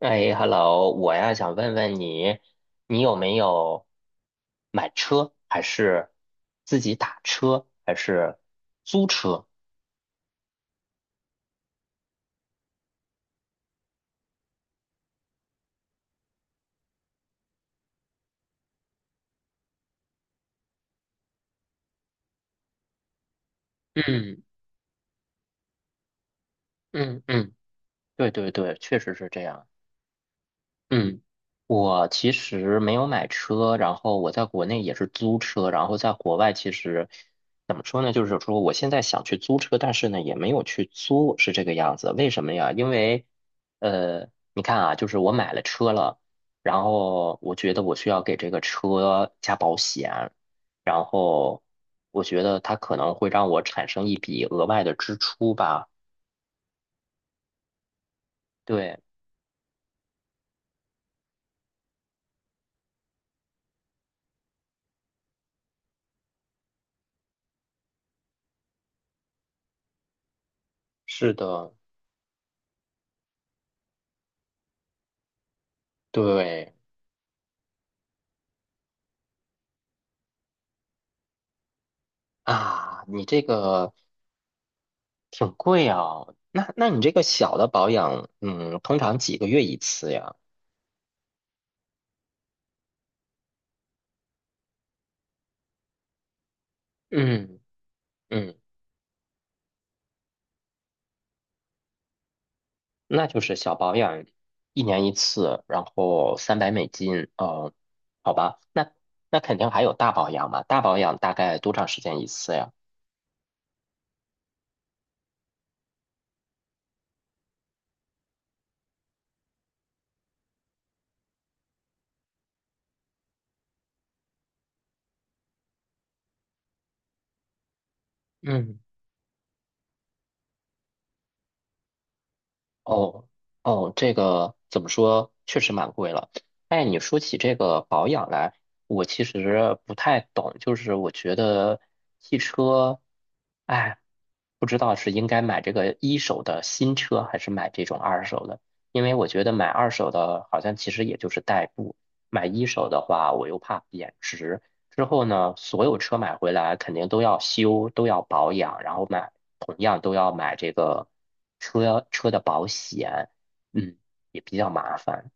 哎，hello，我呀想问问你，你有没有买车，还是自己打车，还是租车？嗯嗯嗯，对对对，确实是这样。嗯，我其实没有买车，然后我在国内也是租车，然后在国外其实怎么说呢，就是说我现在想去租车，但是呢也没有去租，是这个样子。为什么呀？因为你看啊，就是我买了车了，然后我觉得我需要给这个车加保险，然后我觉得它可能会让我产生一笔额外的支出吧。对，是的，对。啊，你这个挺贵啊，那你这个小的保养，通常几个月一次呀？嗯嗯，那就是小保养，一年一次，然后300美金，哦，好吧，那肯定还有大保养嘛，大保养大概多长时间一次呀？嗯。哦哦，这个怎么说，确实蛮贵了。哎，你说起这个保养来，我其实不太懂，就是我觉得汽车，哎，不知道是应该买这个一手的新车，还是买这种二手的，因为我觉得买二手的好像其实也就是代步，买一手的话我又怕贬值，之后呢，所有车买回来肯定都要修，都要保养，然后买，同样都要买这个车的保险，嗯，也比较麻烦。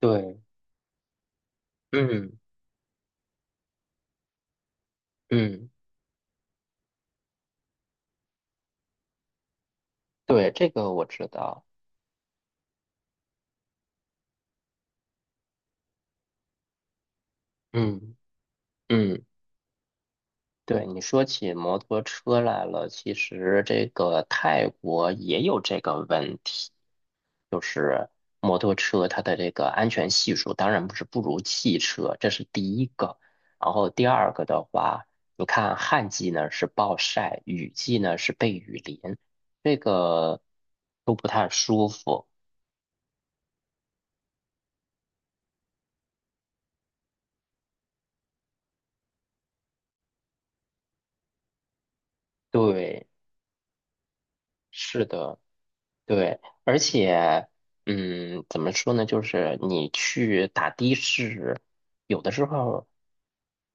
对，嗯嗯，对，这个我知道，嗯嗯。对，你说起摩托车来了，其实这个泰国也有这个问题，就是摩托车它的这个安全系数当然不是不如汽车，这是第一个。然后第二个的话，你看旱季呢是暴晒，雨季呢是被雨淋，这个都不太舒服。对，是的。对，而且，怎么说呢？就是你去打的士，有的时候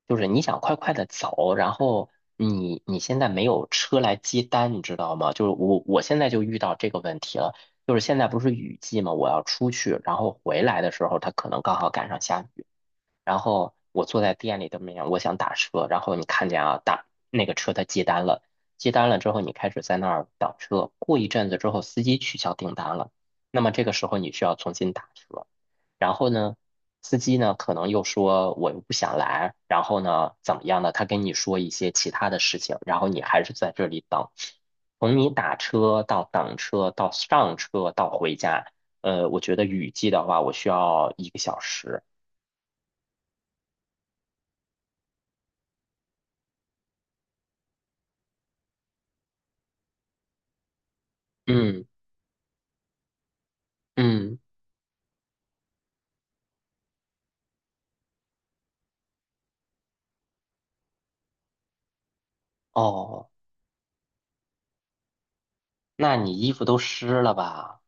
就是你想快快的走，然后你现在没有车来接单，你知道吗？就是我现在就遇到这个问题了，就是现在不是雨季嘛，我要出去，然后回来的时候，它可能刚好赶上下雨。然后我坐在店里的门面，我想打车，然后你看见啊，打那个车他接单了，接单了之后，你开始在那儿等车，过一阵子之后，司机取消订单了，那么这个时候你需要重新打车，然后呢，司机呢可能又说我又不想来，然后呢怎么样呢？他跟你说一些其他的事情，然后你还是在这里等，从你打车到等车到上车到回家，我觉得雨季的话，我需要1个小时。嗯。嗯，哦，那你衣服都湿了吧？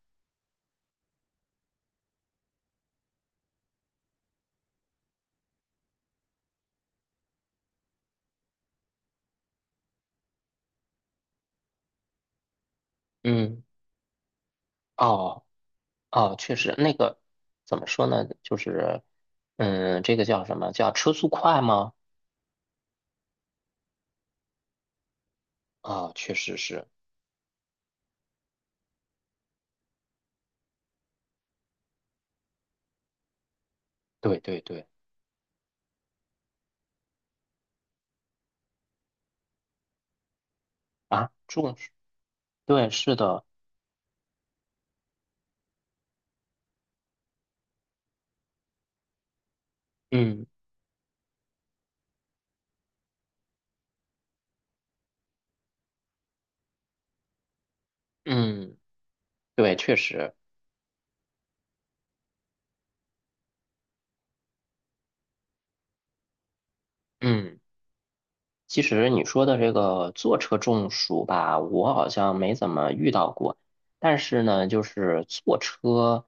嗯，哦，哦，确实，那个怎么说呢？就是，这个叫什么？叫车速快吗？啊、确实是，对对对，啊，重视，对，是的，嗯嗯，对，确实，嗯。其实你说的这个坐车中暑吧，我好像没怎么遇到过。但是呢，就是坐车，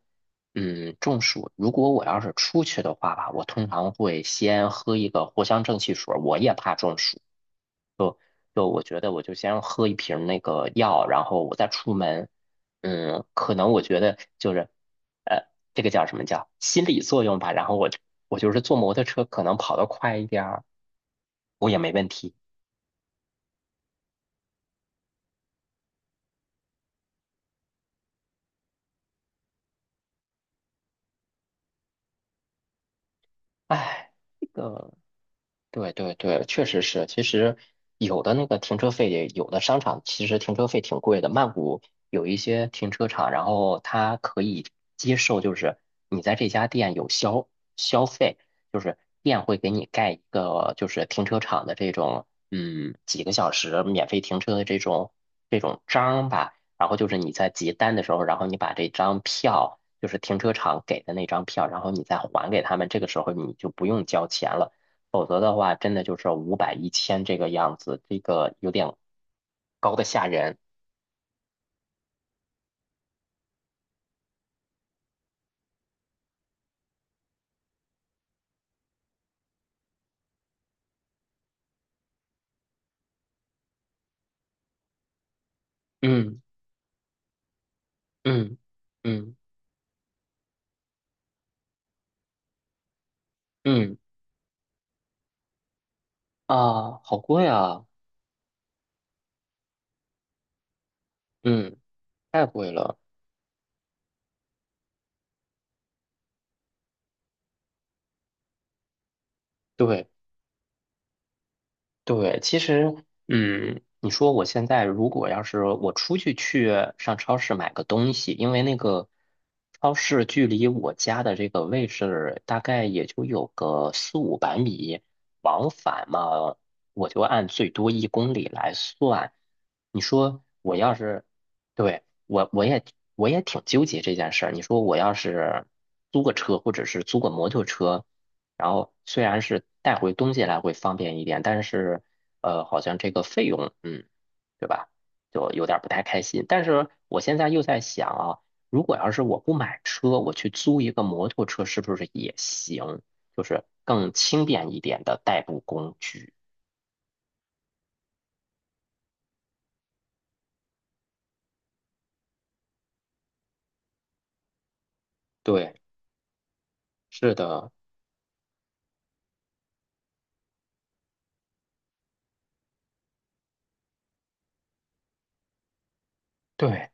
中暑，如果我要是出去的话吧，我通常会先喝一个藿香正气水儿，我也怕中暑。就我觉得我就先喝一瓶那个药，然后我再出门。嗯，可能我觉得就是，呃，这个叫什么叫心理作用吧。然后我就是坐摩托车，可能跑得快一点儿，我也没问题。哎。对对对，确实是。其实有的那个停车费，有的商场其实停车费挺贵的。曼谷有一些停车场，然后它可以接受，就是你在这家店有消费，就是店会给你盖一个就是停车场的这种几个小时免费停车的这种章吧。然后就是你在结单的时候，然后你把这张票，就是停车场给的那张票，然后你再还给他们，这个时候你就不用交钱了。否则的话，真的就是五百、一千这个样子，这个有点高的吓人。嗯嗯嗯嗯啊，好贵啊！嗯，太贵了。对。对，其实，你说我现在如果要是我出去上超市买个东西，因为那个超市距离我家的这个位置大概也就有个四五百米，往返嘛，我就按最多1公里来算。你说我要是，对，我也挺纠结这件事儿。你说我要是租个车，或者是租个摩托车。然后虽然是带回东西来会方便一点，但是好像这个费用，对吧？就有点儿不太开心。但是我现在又在想啊，如果要是我不买车，我去租一个摩托车，是不是也行？就是更轻便一点的代步工具。对，是的，对。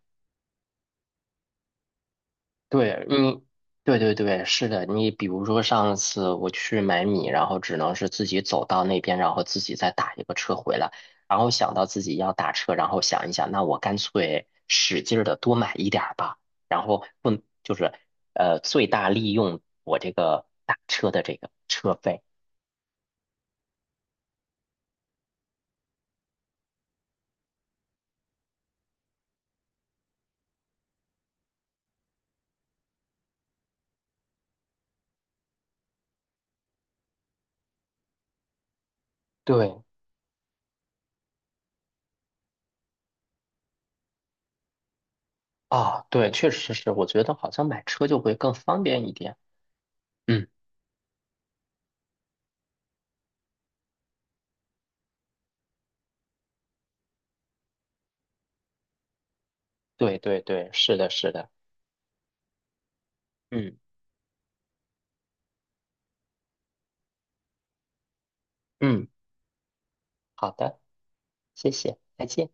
对你，对对对，是的。你比如说上次我去买米，然后只能是自己走到那边，然后自己再打一个车回来。然后想到自己要打车，然后想一想，那我干脆使劲的多买一点儿吧。然后不就是最大利用我这个打车的这个车费。对啊，对，确实是，我觉得好像买车就会更方便一点。嗯，对对对，是的，是的。嗯嗯，好的，谢谢，再见。